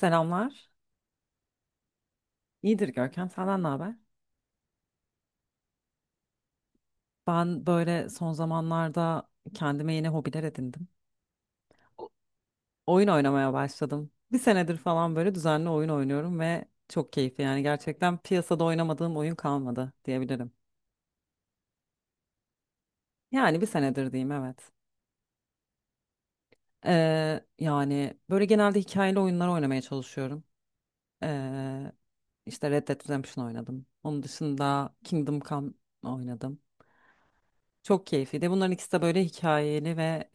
Selamlar. İyidir Görkem, senden ne haber? Ben böyle son zamanlarda kendime yeni hobiler edindim. O- Oyun oynamaya başladım. Bir senedir falan böyle düzenli oyun oynuyorum ve çok keyifli. Yani gerçekten piyasada oynamadığım oyun kalmadı diyebilirim. Yani bir senedir diyeyim, evet. Yani böyle genelde hikayeli oyunlar oynamaya çalışıyorum. Ee, işte Red Dead Redemption oynadım. Onun dışında Kingdom Come oynadım. Çok keyifliydi. Bunların ikisi de böyle hikayeli ve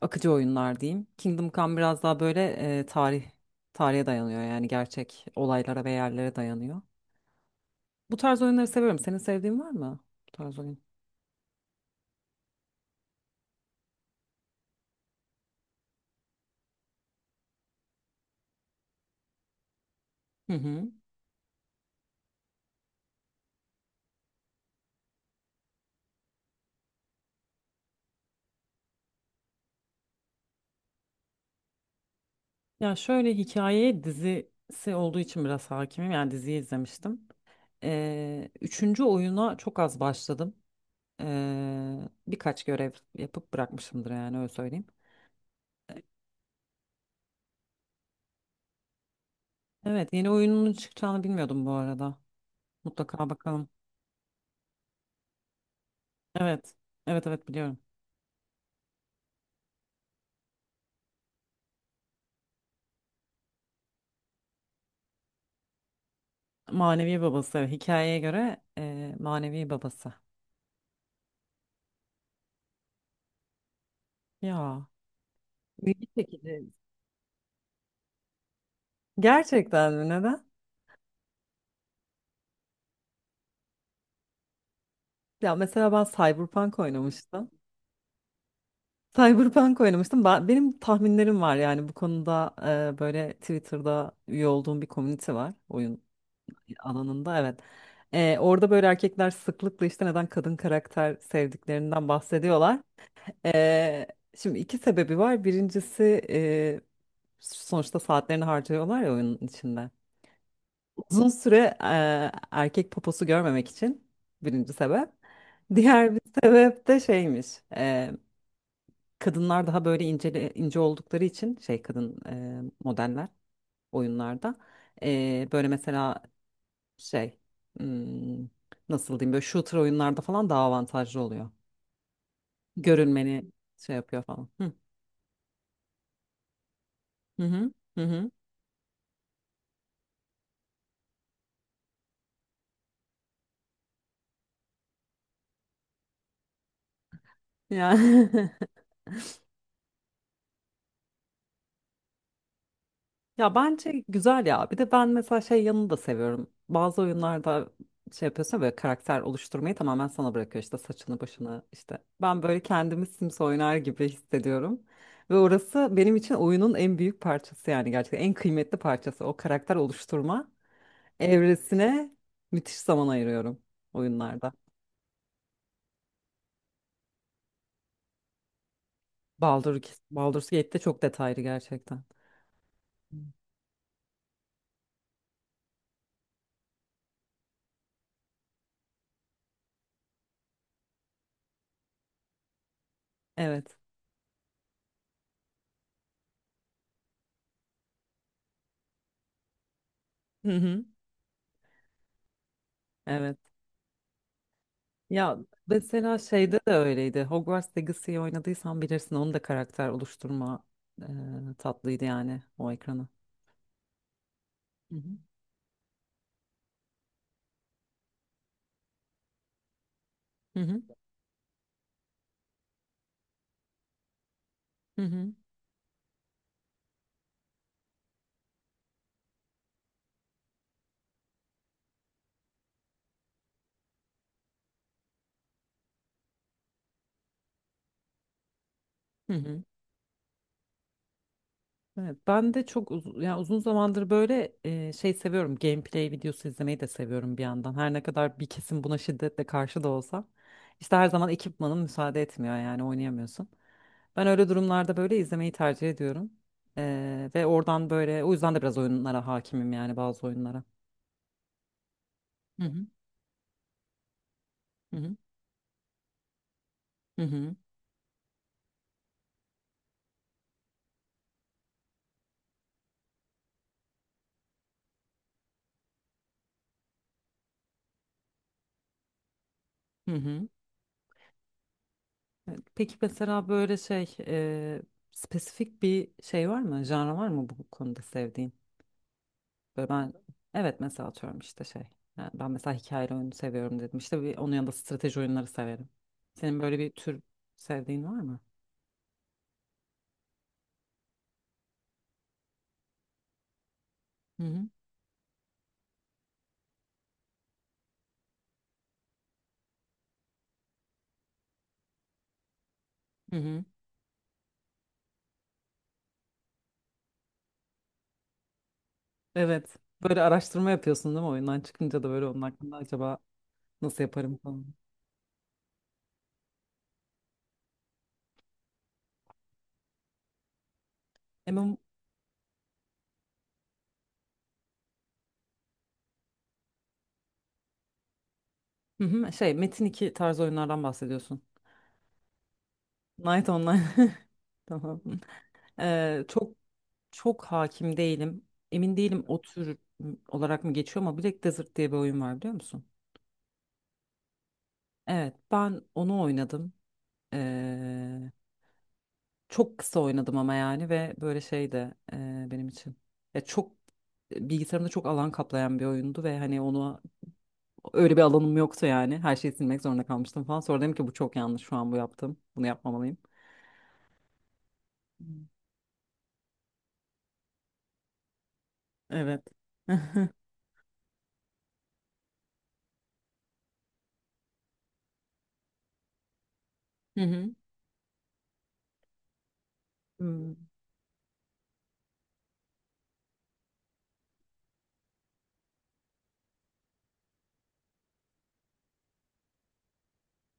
akıcı oyunlar diyeyim. Kingdom Come biraz daha böyle e, tarih tarihe dayanıyor, yani gerçek olaylara ve yerlere dayanıyor. Bu tarz oyunları seviyorum. Senin sevdiğin var mı bu tarz oyun? Hı hı. Ya şöyle, hikaye dizisi olduğu için biraz hakimim. Yani diziyi izlemiştim. Üçüncü oyuna çok az başladım. Birkaç görev yapıp bırakmışımdır yani, öyle söyleyeyim. Evet, yeni oyunun çıkacağını bilmiyordum bu arada. Mutlaka bakalım. Evet. Evet evet, biliyorum. Manevi babası, evet. Hikayeye göre manevi babası. Ya. İlgi çekici. Gerçekten mi? Neden? Ya mesela ben Cyberpunk oynamıştım. Cyberpunk oynamıştım. Benim tahminlerim var yani bu konuda, böyle Twitter'da üye olduğum bir komünite var oyun alanında, evet. E, orada böyle erkekler sıklıkla işte neden kadın karakter sevdiklerinden bahsediyorlar. E, şimdi iki sebebi var. Birincisi, e, sonuçta saatlerini harcıyorlar ya oyunun içinde. Uzun süre erkek poposu görmemek için, birinci sebep. Diğer bir sebep de şeymiş. e, Kadınlar daha böyle ince, ince oldukları için şey, kadın modeller oyunlarda. E, böyle mesela şey, hmm, nasıl diyeyim, böyle shooter oyunlarda falan daha avantajlı oluyor. Görülmeni şey yapıyor falan. Hı hı hı. Hı. Yani ya bence güzel ya. Bir de ben mesela şey yanını da seviyorum. Bazı oyunlarda şey yapıyorsun ya, böyle karakter oluşturmayı tamamen sana bırakıyor, işte saçını başını işte. Ben böyle kendimi Sims oynar gibi hissediyorum. Ve orası benim için oyunun en büyük parçası, yani gerçekten en kıymetli parçası. O karakter oluşturma evresine müthiş zaman ayırıyorum oyunlarda. Baldur, Baldur Gate'de çok detaylı gerçekten. Evet. Hı hı. Evet. Ya mesela şeyde de öyleydi. Hogwarts Legacy'yi oynadıysan bilirsin, onun da karakter oluşturma e, tatlıydı yani, o ekranı. Hı hı. Hı hı. Hı hı. Hı hı. Evet, ben de çok uzun, yani uzun zamandır böyle şey seviyorum. Gameplay videosu izlemeyi de seviyorum bir yandan. Her ne kadar bir kesim buna şiddetle karşı da olsa. İşte her zaman ekipmanın müsaade etmiyor, yani oynayamıyorsun. Ben öyle durumlarda böyle izlemeyi tercih ediyorum. E, ve oradan böyle, o yüzden de biraz oyunlara hakimim yani, bazı oyunlara. Hı hı hı hı hı hı. Hı hı. Evet, peki mesela böyle şey, spesifik bir şey var mı? Janra var mı bu konuda sevdiğin? Böyle ben, evet mesela atıyorum işte şey. Yani ben mesela hikayeli oyunu seviyorum dedim. İşte bir, onun yanında strateji oyunları severim. Senin böyle bir tür sevdiğin var mı? Hı hı. Hı hı. Evet. Böyle araştırma yapıyorsun değil mi? Oyundan çıkınca da böyle onun hakkında acaba nasıl yaparım falan. E ben- hı hı, şey Metin iki tarzı oyunlardan bahsediyorsun. Night Online. Tamam. Çok hakim değilim. Emin değilim o tür olarak mı geçiyor, ama Black Desert diye bir oyun var, biliyor musun? Evet, ben onu oynadım. Eee, Çok kısa oynadım ama yani, ve böyle şey de benim için. Ya çok bilgisayarımda çok alan kaplayan bir oyundu ve hani onu, öyle bir alanım yoktu yani. Her şeyi silmek zorunda kalmıştım falan. Sonra dedim ki bu çok yanlış, şu an bu yaptım. Bunu yapmamalıyım. Hmm. Evet. Hı hı. Hmm.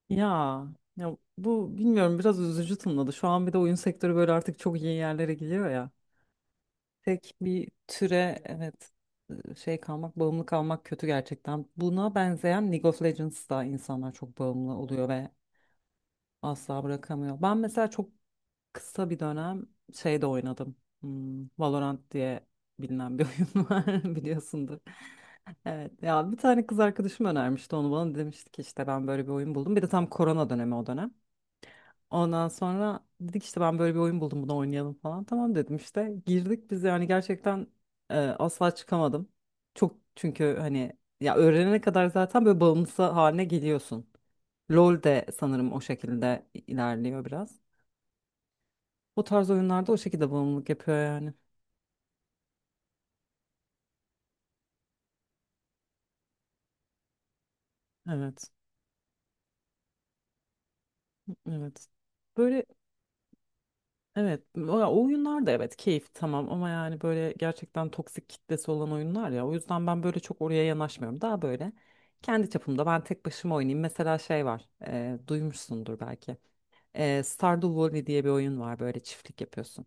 Ya, ya bu bilmiyorum, biraz üzücü tınladı. Şu an bir de oyun sektörü böyle artık çok iyi yerlere gidiyor ya. Tek bir türe, evet, şey kalmak, bağımlı kalmak kötü gerçekten. Buna benzeyen League of Legends'da insanlar çok bağımlı oluyor ve asla bırakamıyor. Ben mesela çok kısa bir dönem şeyde oynadım. Valorant diye bilinen bir oyun var, biliyorsundur. Evet ya, bir tane kız arkadaşım önermişti onu bana, demişti ki işte ben böyle bir oyun buldum. Bir de tam korona dönemi o dönem. Ondan sonra dedik işte, ben böyle bir oyun buldum bunu oynayalım falan. Tamam dedim işte. Girdik biz yani, gerçekten asla çıkamadım. Çok, çünkü hani, ya öğrenene kadar zaten böyle bağımlısı haline geliyorsun. LoL de sanırım o şekilde ilerliyor biraz. Bu tarz oyunlarda o şekilde bağımlılık yapıyor yani. Evet. Evet. Böyle evet, o ya oyunlar da evet, keyif tamam ama yani böyle gerçekten toksik kitlesi olan oyunlar ya, o yüzden ben böyle çok oraya yanaşmıyorum. Daha böyle kendi çapımda ben tek başıma oynayayım. Mesela şey var, duymuşsundur belki. E, Stardew Valley diye bir oyun var, böyle çiftlik yapıyorsun.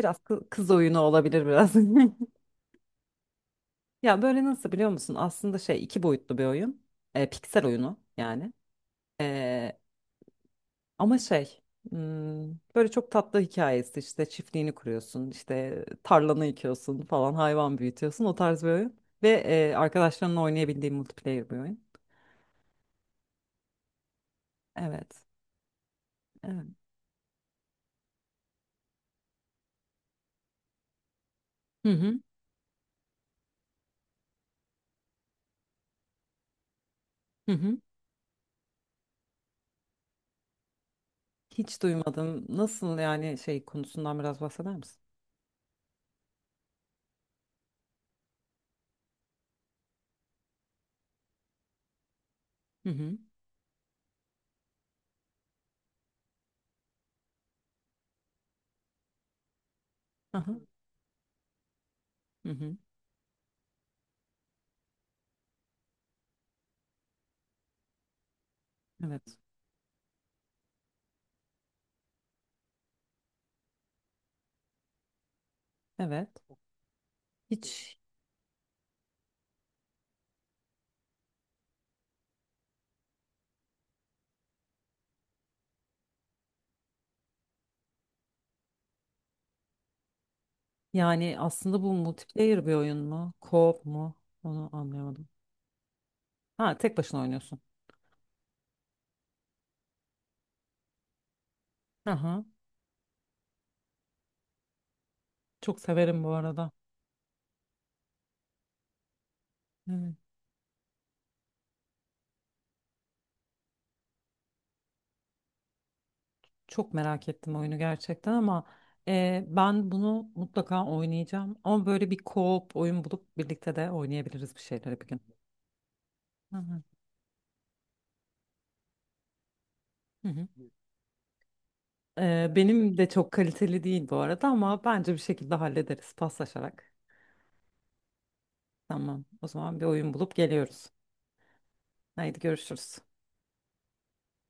Biraz kız oyunu olabilir biraz. Ya böyle nasıl, biliyor musun? Aslında şey, iki boyutlu bir oyun. E, piksel oyunu yani. Ama şey, hmm, böyle çok tatlı hikayesi, işte çiftliğini kuruyorsun, işte tarlanı yıkıyorsun falan, hayvan büyütüyorsun, o tarz bir oyun. Ve arkadaşlarınla oynayabildiğin multiplayer bir oyun. Evet. Evet. Hı hı. Hı hı. Hiç duymadım. Nasıl yani, şey konusundan biraz bahseder misin? Hı hı. Aha. Hı hı. Evet. Evet. Hiç yani, aslında bu multiplayer bir oyun mu? Co-op mu? Onu anlayamadım. Ha, tek başına oynuyorsun. Aha. Çok severim bu arada. Evet. Çok merak ettim oyunu gerçekten, ama ben bunu mutlaka oynayacağım. Ama böyle bir co-op oyun bulup birlikte de oynayabiliriz bir şeyleri bir gün. Hı hı. Hı hı. Benim de çok kaliteli değil bu arada, ama bence bir şekilde hallederiz paslaşarak. Tamam, o zaman bir oyun bulup geliyoruz. Haydi görüşürüz.